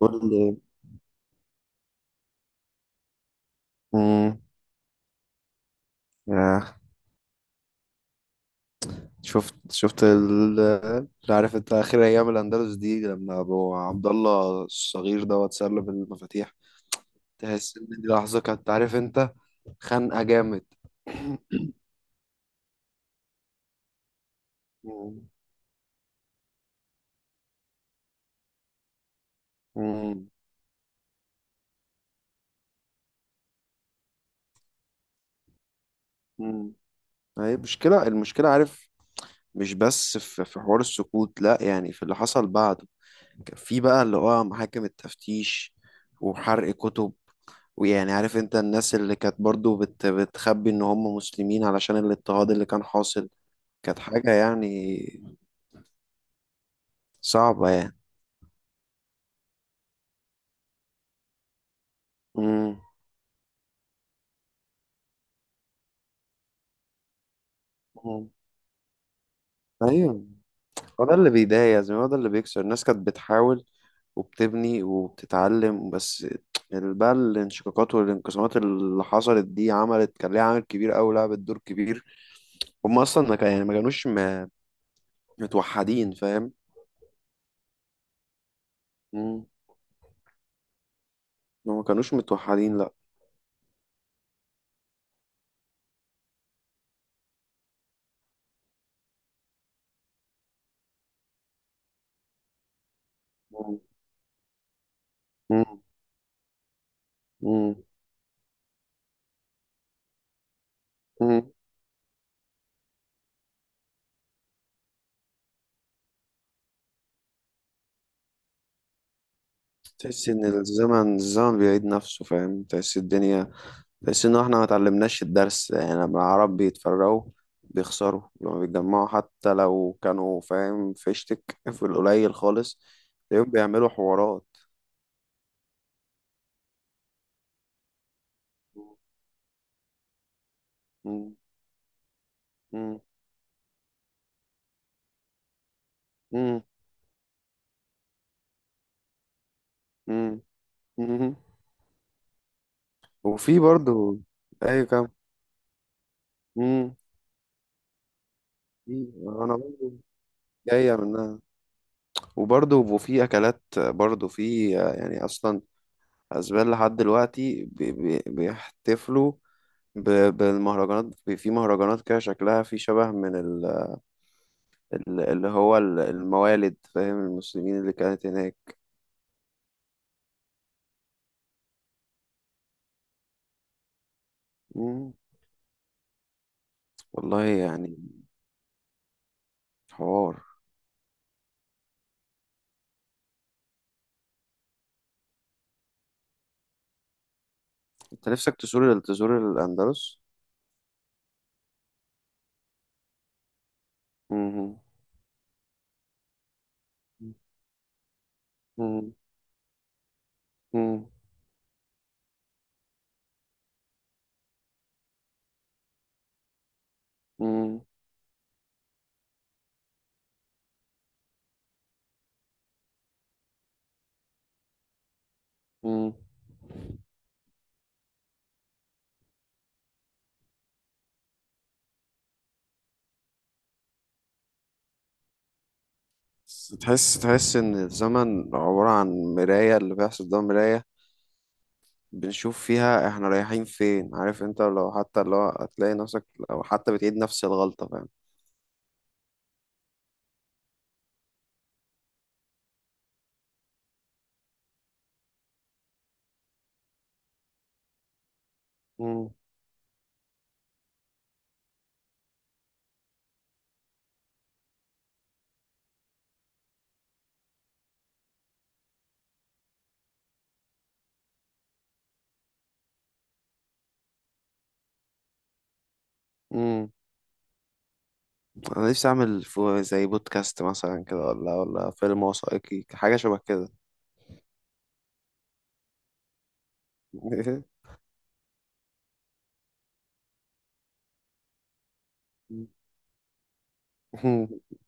قول لي. مم. يا أخي، شفت اللي عارف انت اخر ايام الاندلس دي لما ابو عبد الله الصغير ده اتسلب المفاتيح. تحس ان دي لحظه كانت عارف انت خانقه جامد. مم. مم. مم. هي المشكله المشكله عارف، مش بس في حوار السكوت لا، يعني في اللي حصل بعده. كان في بقى اللي هو محاكم التفتيش وحرق كتب، ويعني عارف انت الناس اللي كانت برضو بتخبي ان هم مسلمين علشان الاضطهاد اللي كان حاصل. كانت حاجة يعني صعبة يعني. امم. امم. ايوه، هو ده اللي بيضايق يا زلمة، هو ده اللي بيكسر الناس. كانت بتحاول وبتبني وبتتعلم، بس بقى الانشقاقات والانقسامات اللي حصلت دي عملت، كان ليها عامل كبير أوي، لعبت دور كبير. هم اصلا ما كان يعني ما كانوش متوحدين فاهم. امم. هم ما كانوش متوحدين لا. امم. امم. امم. تحس ان الزمن بيعيد نفسه فاهم، تحس الدنيا، تحس ان احنا ما اتعلمناش الدرس. يعني لما العرب بيتفرقوا بيخسروا، لما بيتجمعوا حتى لو كانوا فاهم فيشتك في القليل خالص تلاقيهم بيعملوا حوارات. مم. مم. مم. مم. مم. وفي برضو اي كم. مم. انا برضو جاية منها. وبرضو وفي اكلات برضو، في يعني اصلا اسبان لحد دلوقتي بي بي بيحتفلوا ب- بالمهرجانات، في مهرجانات كده شكلها في شبه من اللي هو الموالد فاهم، المسلمين اللي كانت هناك. مم. والله يعني حوار. انت نفسك تزور الاندلس. مم. مم. مم. مم. مم. بس تحس ان الزمن عبارة عن مراية، اللي بيحصل ده مراية بنشوف فيها احنا رايحين فين عارف انت، لو حتى لو هتلاقي نفسك لو حتى بتعيد نفس الغلطة فاهم. امم. امم. انا نفسي اعمل زي بودكاست مثلا كده، ولا فيلم وثائقي حاجة شبه كده.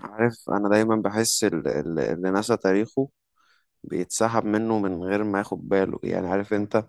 عارف، انا دايما بحس اللي نسى تاريخه بيتسحب منه من غير ما ياخد باله يعني عارف انت.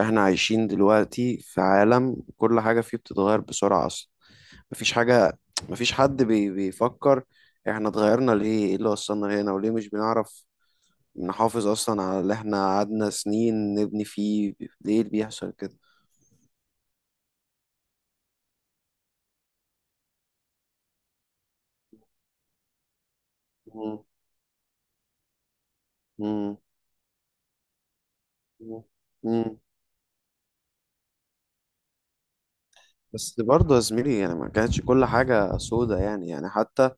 احنا عايشين دلوقتي في عالم كل حاجة فيه بتتغير بسرعة. مفيش حاجة، مفيش حد بيفكر احنا اتغيرنا ليه، ايه اللي وصلنا هنا، وليه مش بنعرف نحافظ اصلا على اللي احنا قعدنا سنين نبني فيه، ليه اللي بيحصل كده؟ مم. مم. مم. مم. بس برضه يا زميلي يعني ما كانتش كل حاجة سودة، يعني حتى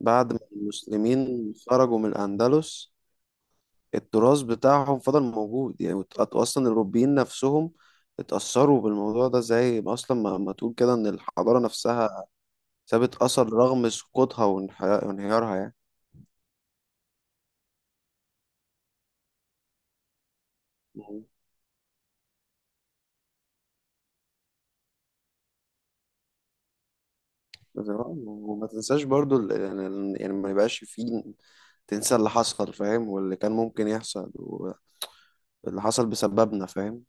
بعد ما المسلمين خرجوا من الأندلس التراث بتاعهم فضل موجود يعني، أصلا الأوروبيين نفسهم اتأثروا بالموضوع ده، زي ما أصلا ما تقول كده إن الحضارة نفسها سابت أثر رغم سقوطها وانهيارها يعني. مم. وما تنساش برضو يعني يعني ما يبقاش فيه تنسى اللي حصل فاهم واللي كان ممكن يحصل واللي حصل بسببنا فاهم.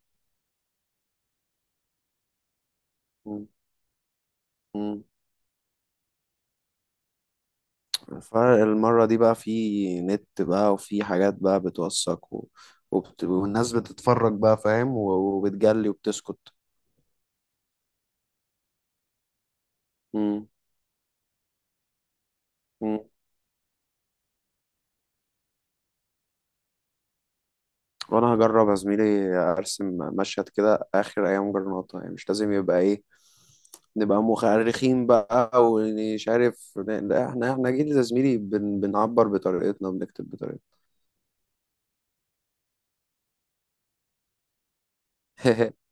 مم. مم. فالمرة دي بقى في نت بقى وفي حاجات بقى بتوثق والناس بتتفرج بقى فاهم وبتجلي وبتسكت. مم. وانا هجرب يا زميلي ارسم مشهد كده اخر ايام جرناطة، يعني مش لازم يبقى ايه نبقى مؤرخين بقى ومش عارف لا، احنا جيل يا زميلي بنعبر بطريقتنا وبنكتب بطريقتنا.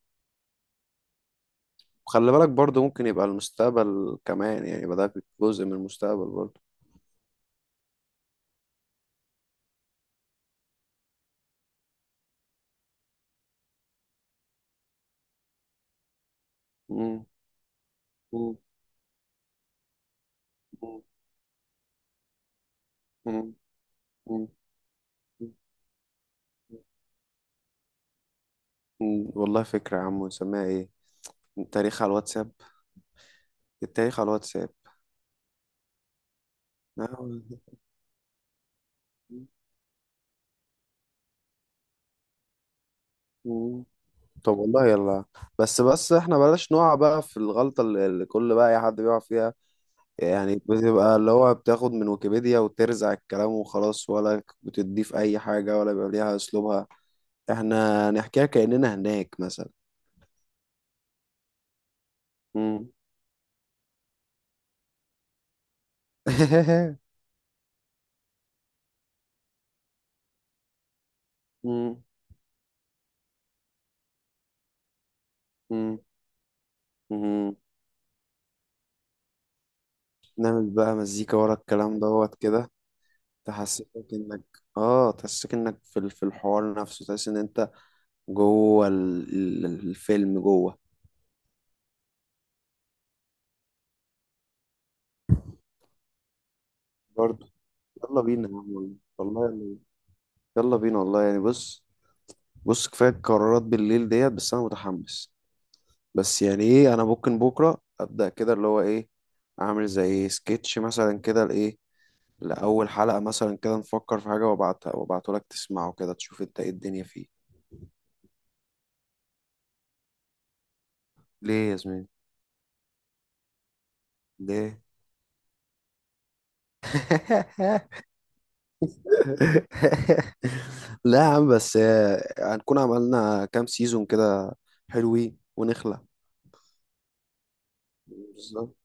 وخلي بالك برضه ممكن يبقى المستقبل كمان، يعني يبقى ده جزء من المستقبل برضه. مم. مم. مم. مم. مم. مم. والله فكرة يا عم، نسميها ايه؟ التاريخ على الواتساب. التاريخ على الواتساب. آه. طب والله يلا. بس احنا بلاش نقع بقى في الغلطة اللي كل بقى اي حد بيقع فيها، يعني بتبقى اللي هو بتاخد من ويكيبيديا وترزع الكلام وخلاص ولا بتضيف اي حاجة ولا بيبقى ليها اسلوبها. احنا نحكيها كأننا هناك مثلا. مم. مم. مم. مم. نعمل بقى مزيكا ورا الكلام دوت كده، تحسسك انك اه تحسسك انك في في الحوار نفسه، تحس ان انت جوه الفيلم جوه. برضه يلا بينا يا عم، والله والله يعني، يلا بينا والله يعني. بص بص كفاية قرارات بالليل ديت، بس أنا متحمس. بس يعني إيه، أنا ممكن بكرة أبدأ كده اللي هو إيه، أعمل زي سكتش مثلا كده لإيه، لأول حلقة مثلا كده، نفكر في حاجة وأبعتها وأبعته لك تسمعه كده تشوف أنت إيه الدنيا فيه. ليه يا زميلي؟ ليه؟ لا يا عم، بس هنكون عملنا كام سيزون كده حلوين ونخلع. بالظبط،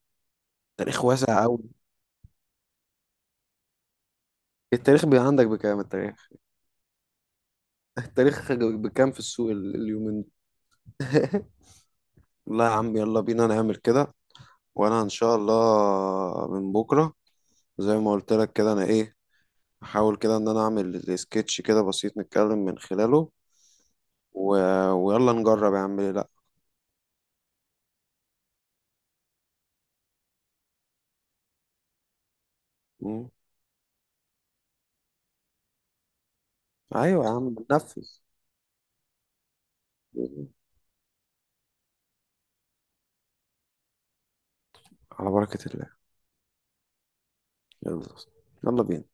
تاريخ واسع أوي. التاريخ عندك بكام؟ التاريخ التاريخ بكام في السوق اليومين دول؟ لا يا عم يلا بينا نعمل كده، وانا ان شاء الله من بكره زي ما قلت لك كده انا ايه احاول كده ان انا اعمل سكتش كده بسيط نتكلم من خلاله و... ويلا نجرب يا عم ليه لا. مم. ايوه يا عم بننفذ. على بركه الله. يلا. يلا بينا.